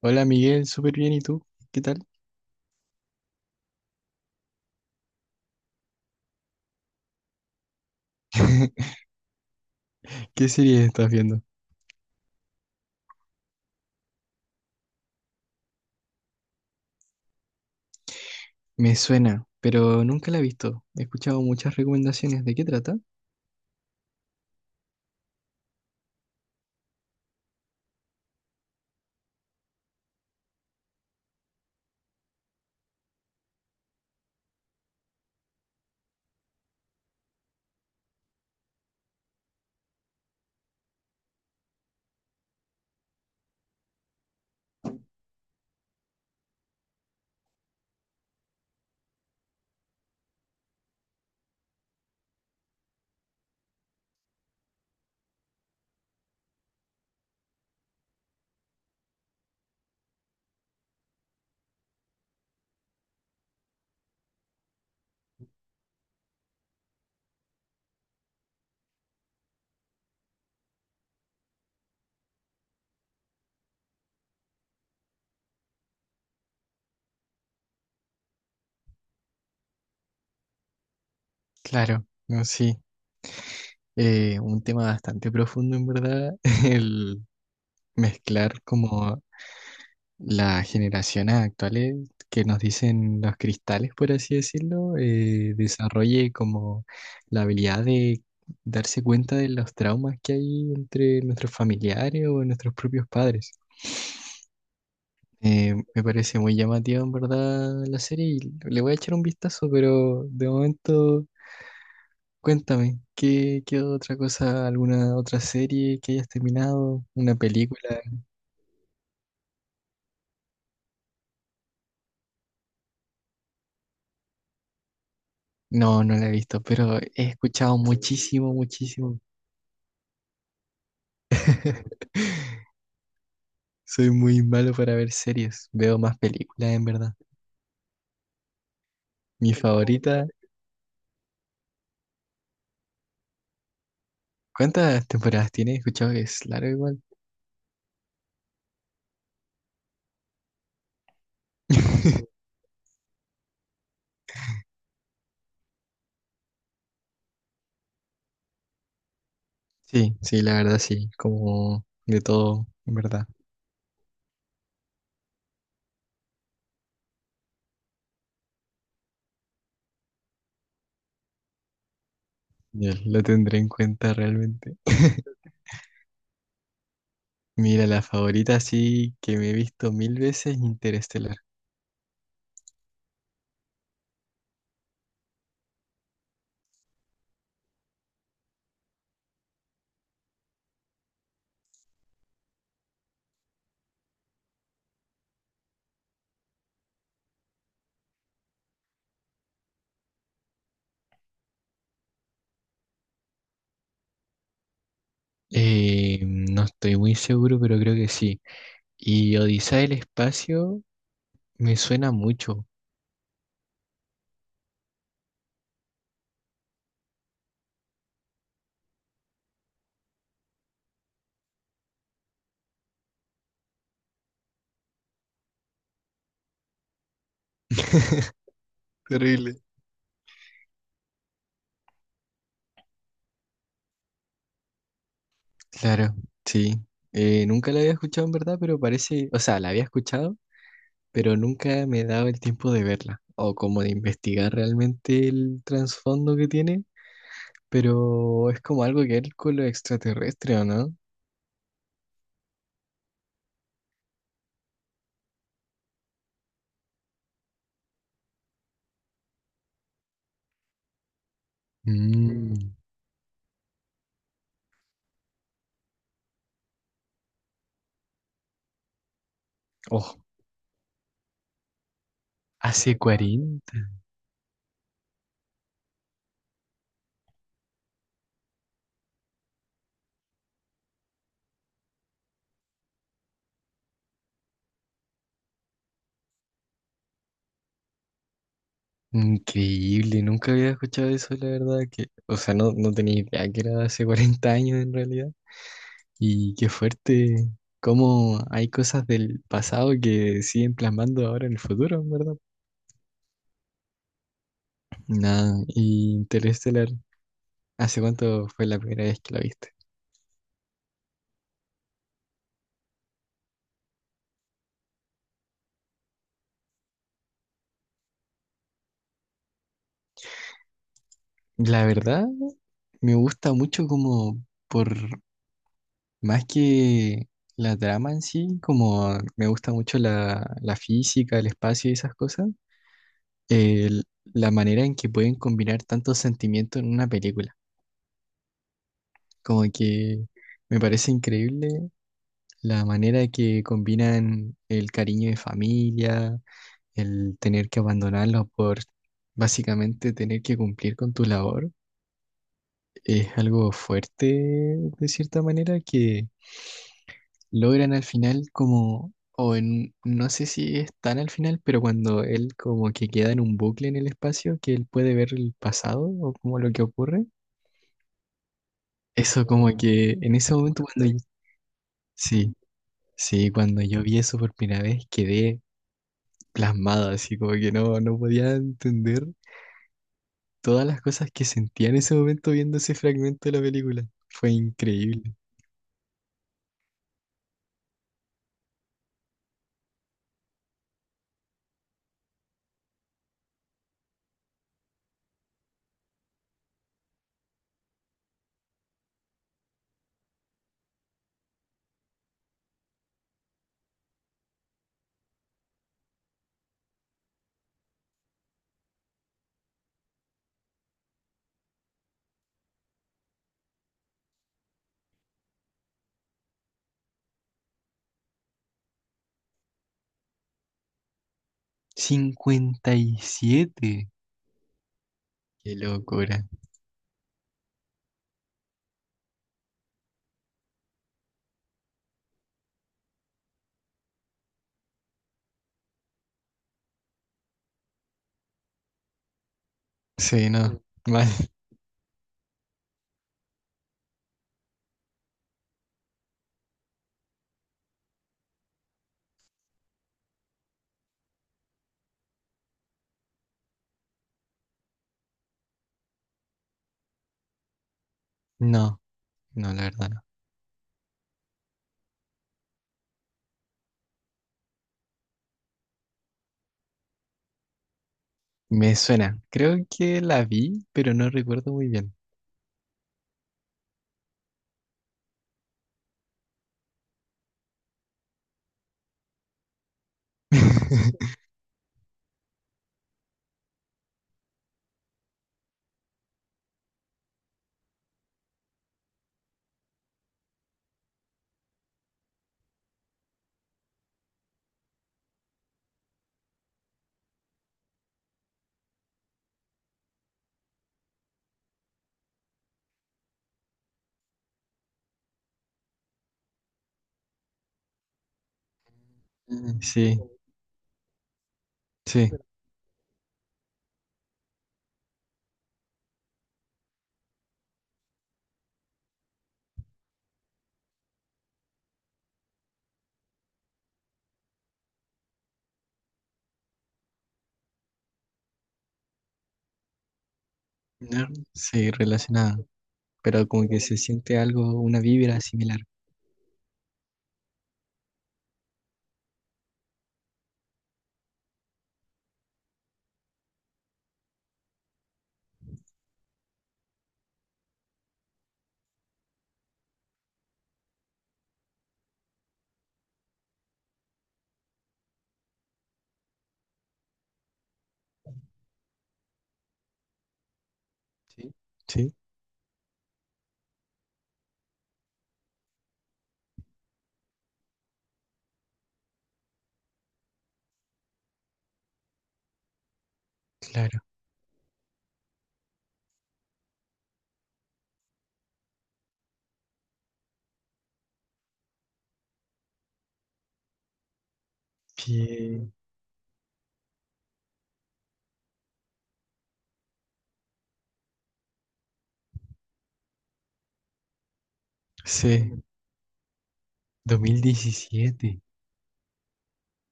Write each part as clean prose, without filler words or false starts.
Hola Miguel, súper bien, ¿y tú? ¿Qué tal? ¿Qué serie estás viendo? Me suena, pero nunca la he visto. He escuchado muchas recomendaciones. ¿De qué trata? Claro, no, sí. Un tema bastante profundo, en verdad, el mezclar como las generaciones actuales que nos dicen los cristales, por así decirlo, desarrolle como la habilidad de darse cuenta de los traumas que hay entre nuestros familiares o nuestros propios padres. Me parece muy llamativo en verdad la serie y le voy a echar un vistazo, pero de momento cuéntame, ¿ qué otra cosa, alguna otra serie que hayas terminado? ¿Una película? No, no la he visto, pero he escuchado muchísimo, muchísimo. Soy muy malo para ver series, veo más películas en verdad. Mi favorita, ¿cuántas temporadas tiene? He escuchado que es largo igual. Sí, sí, la verdad sí, como de todo, en verdad. Ya, lo tendré en cuenta realmente. Mira, la favorita sí que me he visto mil veces, Interestelar. No estoy muy seguro, pero creo que sí. Y Odisea del Espacio me suena mucho. Terrible. Claro, sí. Nunca la había escuchado en verdad, pero parece, o sea, la había escuchado, pero nunca me he dado el tiempo de verla o como de investigar realmente el trasfondo que tiene, pero es como algo que ver con lo extraterrestre, ¿o no? Mm. Oh, hace 40. Increíble, nunca había escuchado eso, la verdad que, o sea, no, no tenía idea que era hace 40 años en realidad. Y qué fuerte, cómo hay cosas del pasado que siguen plasmando ahora en el futuro, ¿en verdad? Nada, y Interestelar, ¿hace cuánto fue la primera vez que la viste? La verdad, me gusta mucho como por más que la trama en sí, como me gusta mucho la física, el espacio y esas cosas. el- la manera en que pueden combinar tantos sentimientos en una película. Como que me parece increíble la manera que combinan el cariño de familia, el tener que abandonarlos por básicamente tener que cumplir con tu labor. Es algo fuerte de cierta manera que logran al final como... O en, no sé si es tan al final, pero cuando él como que queda en un bucle en el espacio, que él puede ver el pasado o como lo que ocurre. Eso como que en ese momento cuando yo- Sí, sí, cuando yo vi eso por primera vez quedé plasmado, así como que no, no podía entender todas las cosas que sentía en ese momento viendo ese fragmento de la película. Fue increíble. 57. Qué locura. Sí, no. Mal. No, no, la verdad no. Me suena. Creo que la vi, pero no recuerdo muy bien. Mm, sí, sí. No, sí, relacionada. Pero como que se siente algo, una vibra similar. Sí. Sí, claro. Bien. Sí, 2017.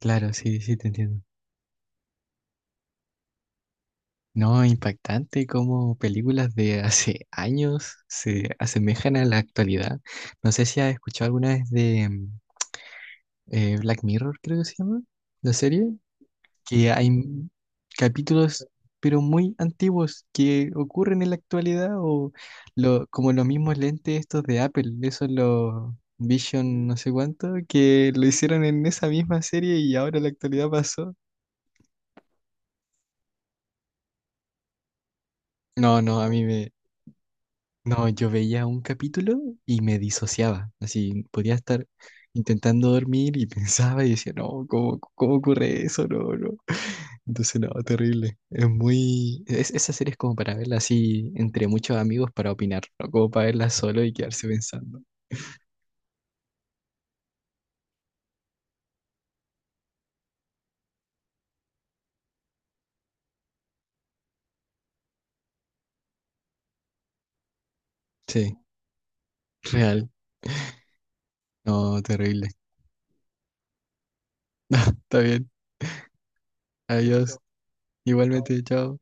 Claro, sí, sí, te entiendo. No, impactante cómo películas de hace años se asemejan a la actualidad. No sé si has escuchado alguna vez de Black Mirror, creo que se llama, la serie. que hay m- capítulos, pero muy antiguos, que ocurren en la actualidad, o lo, como los mismos lentes estos de Apple, esos los Vision no sé cuánto, que lo hicieron en esa misma serie y ahora en la actualidad pasó. No, no, a mí me... No, yo veía un capítulo y me disociaba, así podía estar intentando dormir y pensaba y decía, no, ¿cómo, cómo ocurre eso? No, no. Entonces, no, terrible. Es muy. Es, esa serie es como para verla así entre muchos amigos para opinar, no como para verla solo y quedarse pensando. Sí, real. No, terrible. Está bien. Adiós. Igualmente, chao.